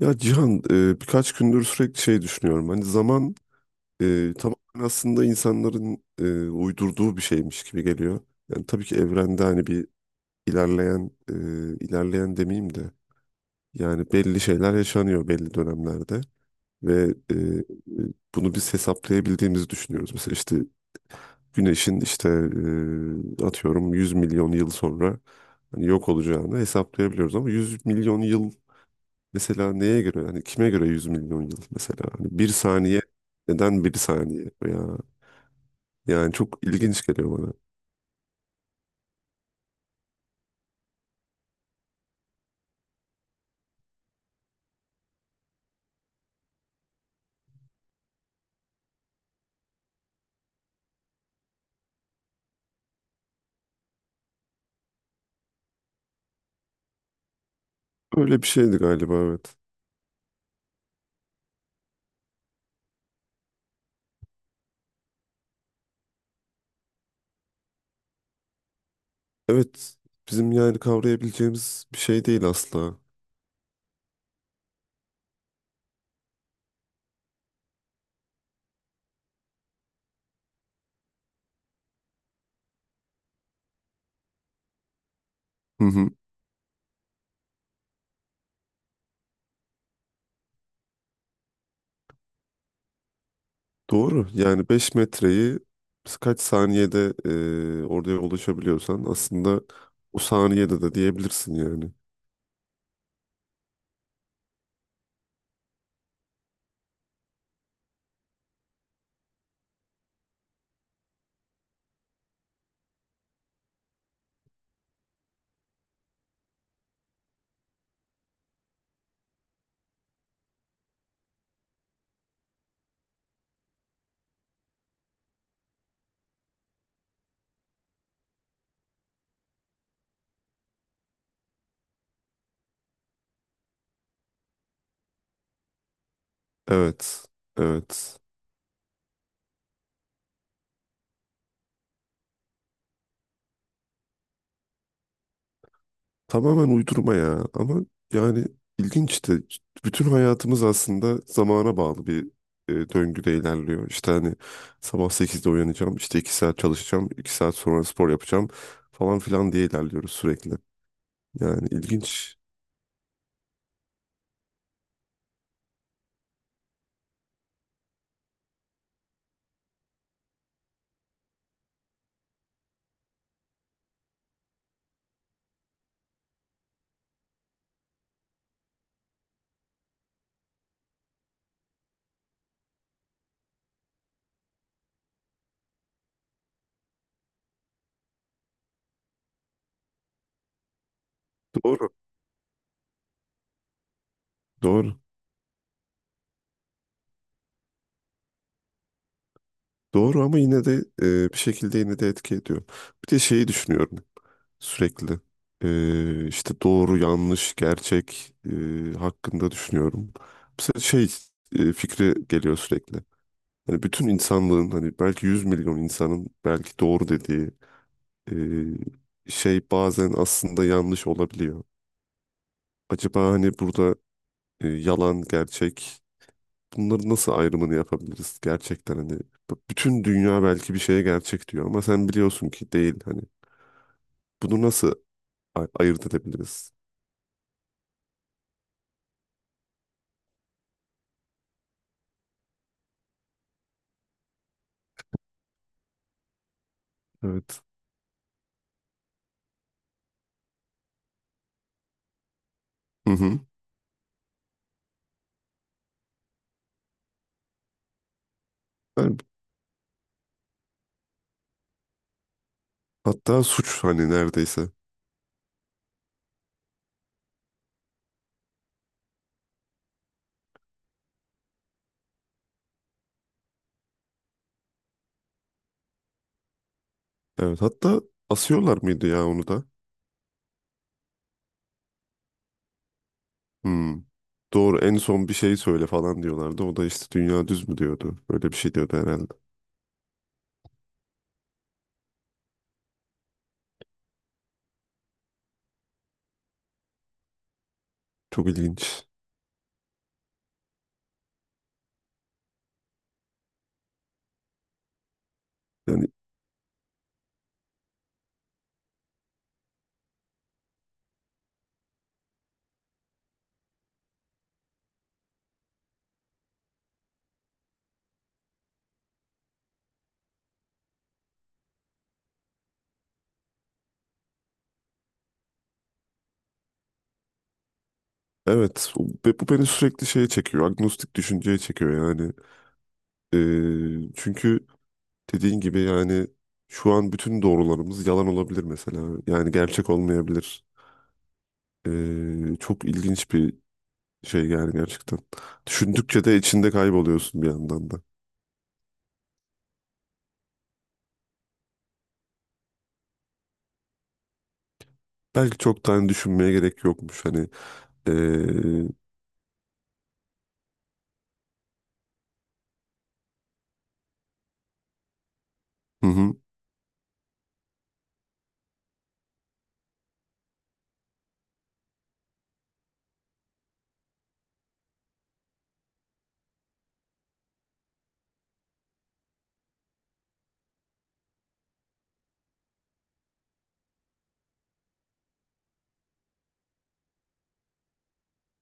Ya Cihan, birkaç gündür sürekli şey düşünüyorum. Hani zaman tamamen aslında insanların uydurduğu bir şeymiş gibi geliyor. Yani tabii ki evrende hani bir ilerleyen ilerleyen demeyeyim de, yani belli şeyler yaşanıyor belli dönemlerde ve bunu biz hesaplayabildiğimizi düşünüyoruz. Mesela işte güneşin, işte, atıyorum 100 milyon yıl sonra hani yok olacağını hesaplayabiliyoruz ama 100 milyon yıl. Mesela neye göre, hani kime göre 100 milyon yıl? Mesela hani bir saniye, neden bir saniye ya? Yani çok ilginç geliyor bana. Öyle bir şeydi galiba, evet. Evet, bizim yani kavrayabileceğimiz bir şey değil asla. Hı hı. Doğru, yani 5 metreyi biz kaç saniyede oraya ulaşabiliyorsan aslında, o saniyede de diyebilirsin yani. Evet, evet. Tamamen uydurma ya, ama yani ilginç işte, bütün hayatımız aslında zamana bağlı bir döngüde ilerliyor. İşte hani sabah 8'de uyanacağım, işte 2 saat çalışacağım, 2 saat sonra spor yapacağım falan filan diye ilerliyoruz sürekli. Yani ilginç. Doğru. Doğru. Doğru, ama yine de bir şekilde yine de etki ediyor. Bir de şeyi düşünüyorum sürekli. İşte doğru, yanlış, gerçek hakkında düşünüyorum. Mesela şey fikri geliyor sürekli. Hani bütün insanlığın, hani belki 100 milyon insanın belki doğru dediği şey bazen aslında yanlış olabiliyor. Acaba hani burada yalan, gerçek, bunların nasıl ayrımını yapabiliriz gerçekten? Hani bütün dünya belki bir şeye gerçek diyor ama sen biliyorsun ki değil, hani bunu nasıl ayırt edebiliriz? Evet. Hı hı. Yani hatta suç hani, neredeyse. Evet, hatta asıyorlar mıydı ya onu da? Hmm. Doğru, en son bir şey söyle falan diyorlardı. O da işte dünya düz mü diyordu. Böyle bir şey diyordu herhalde. Çok ilginç. Yani evet, ve bu beni sürekli şeye çekiyor. Agnostik düşünceye çekiyor yani. Çünkü dediğin gibi yani, şu an bütün doğrularımız yalan olabilir mesela. Yani gerçek olmayabilir. Çok ilginç bir şey yani, gerçekten. Düşündükçe de içinde kayboluyorsun bir yandan da. Belki çok tane düşünmeye gerek yokmuş. Hani ee, hı hı,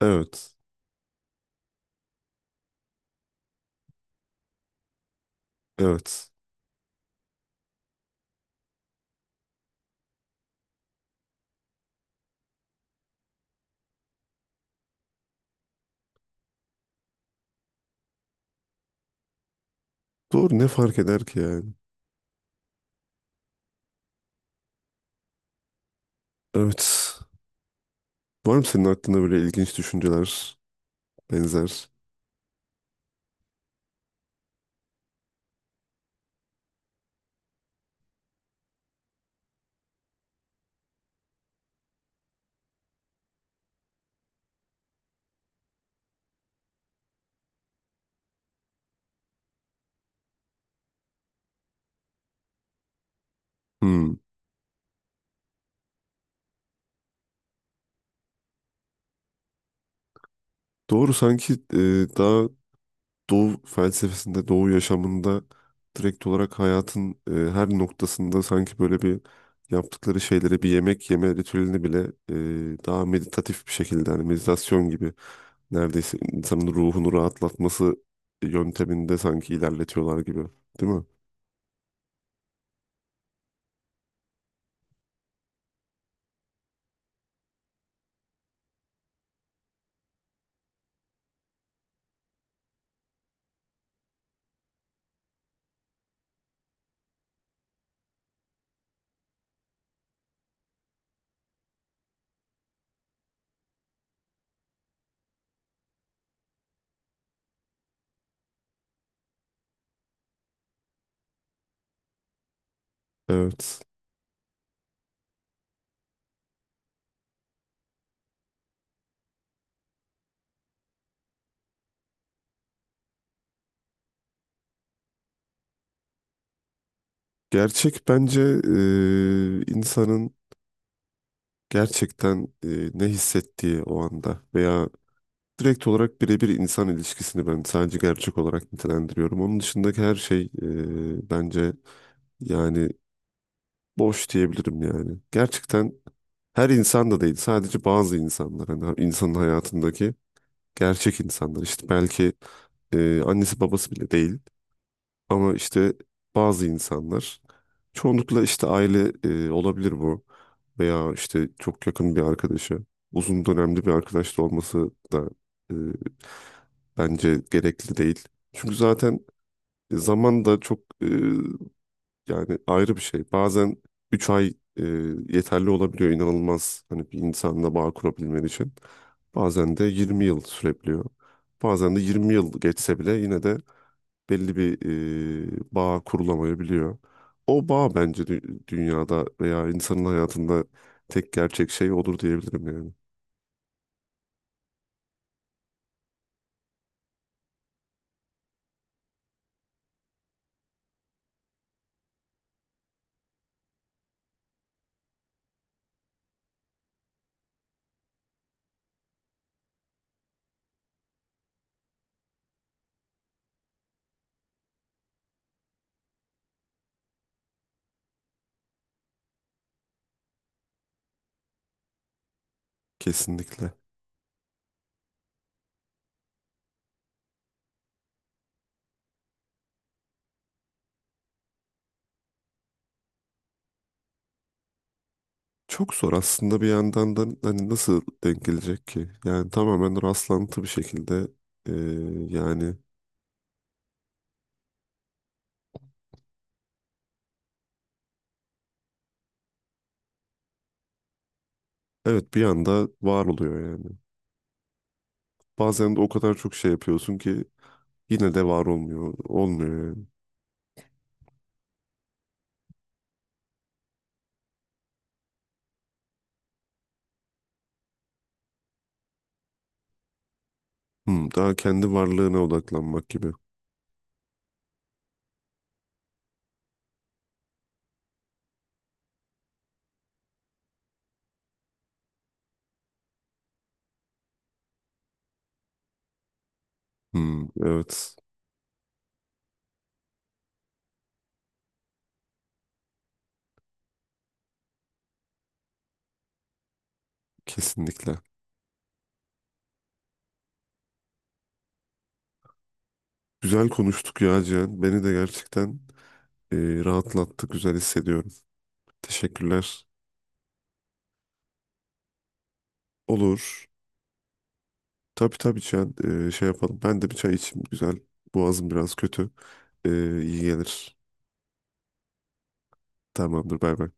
evet. Evet. Doğru, ne fark eder ki yani? Evet. Var mı senin aklında böyle ilginç düşünceler, benzer? Hmm. Doğru, sanki daha Doğu felsefesinde, Doğu yaşamında direkt olarak hayatın her noktasında, sanki böyle bir, yaptıkları şeyleri, bir yemek yeme ritüelini bile daha meditatif bir şekilde, hani meditasyon gibi neredeyse, insanın ruhunu rahatlatması yönteminde sanki ilerletiyorlar gibi. Değil mi? Evet. Gerçek bence insanın gerçekten ne hissettiği o anda, veya direkt olarak birebir insan ilişkisini ben sadece gerçek olarak nitelendiriyorum. Onun dışındaki her şey bence yani boş diyebilirim yani. Gerçekten her insan da değil, sadece bazı insanlar, hani insanın hayatındaki gerçek insanlar, işte belki annesi babası bile değil. Ama işte bazı insanlar, çoğunlukla işte aile olabilir bu, veya işte çok yakın bir arkadaşı, uzun dönemli bir arkadaş da olması da e, bence gerekli değil. Çünkü zaten zaman da çok yani ayrı bir şey. Bazen 3 ay yeterli olabiliyor inanılmaz, hani bir insanla bağ kurabilmen için. Bazen de 20 yıl sürebiliyor. Bazen de 20 yıl geçse bile yine de belli bir bağ kurulamayabiliyor. O bağ bence dünyada veya insanın hayatında tek gerçek şey odur diyebilirim yani. Kesinlikle. Çok zor aslında bir yandan da, hani nasıl denk gelecek ki? Yani tamamen rastlantı bir şekilde yani, evet, bir anda var oluyor yani. Bazen de o kadar çok şey yapıyorsun ki yine de var olmuyor. Olmuyor yani. Hmm, daha kendi varlığına odaklanmak gibi. Hmm, evet, kesinlikle. Güzel konuştuk ya Cihan. Beni de gerçekten e, rahatlattı. Güzel hissediyorum. Teşekkürler. Olur. Tabii tabii Cihan. Şey yapalım. Ben de bir çay içeyim. Güzel. Boğazım biraz kötü. E, iyi gelir. Tamamdır. Bay bay.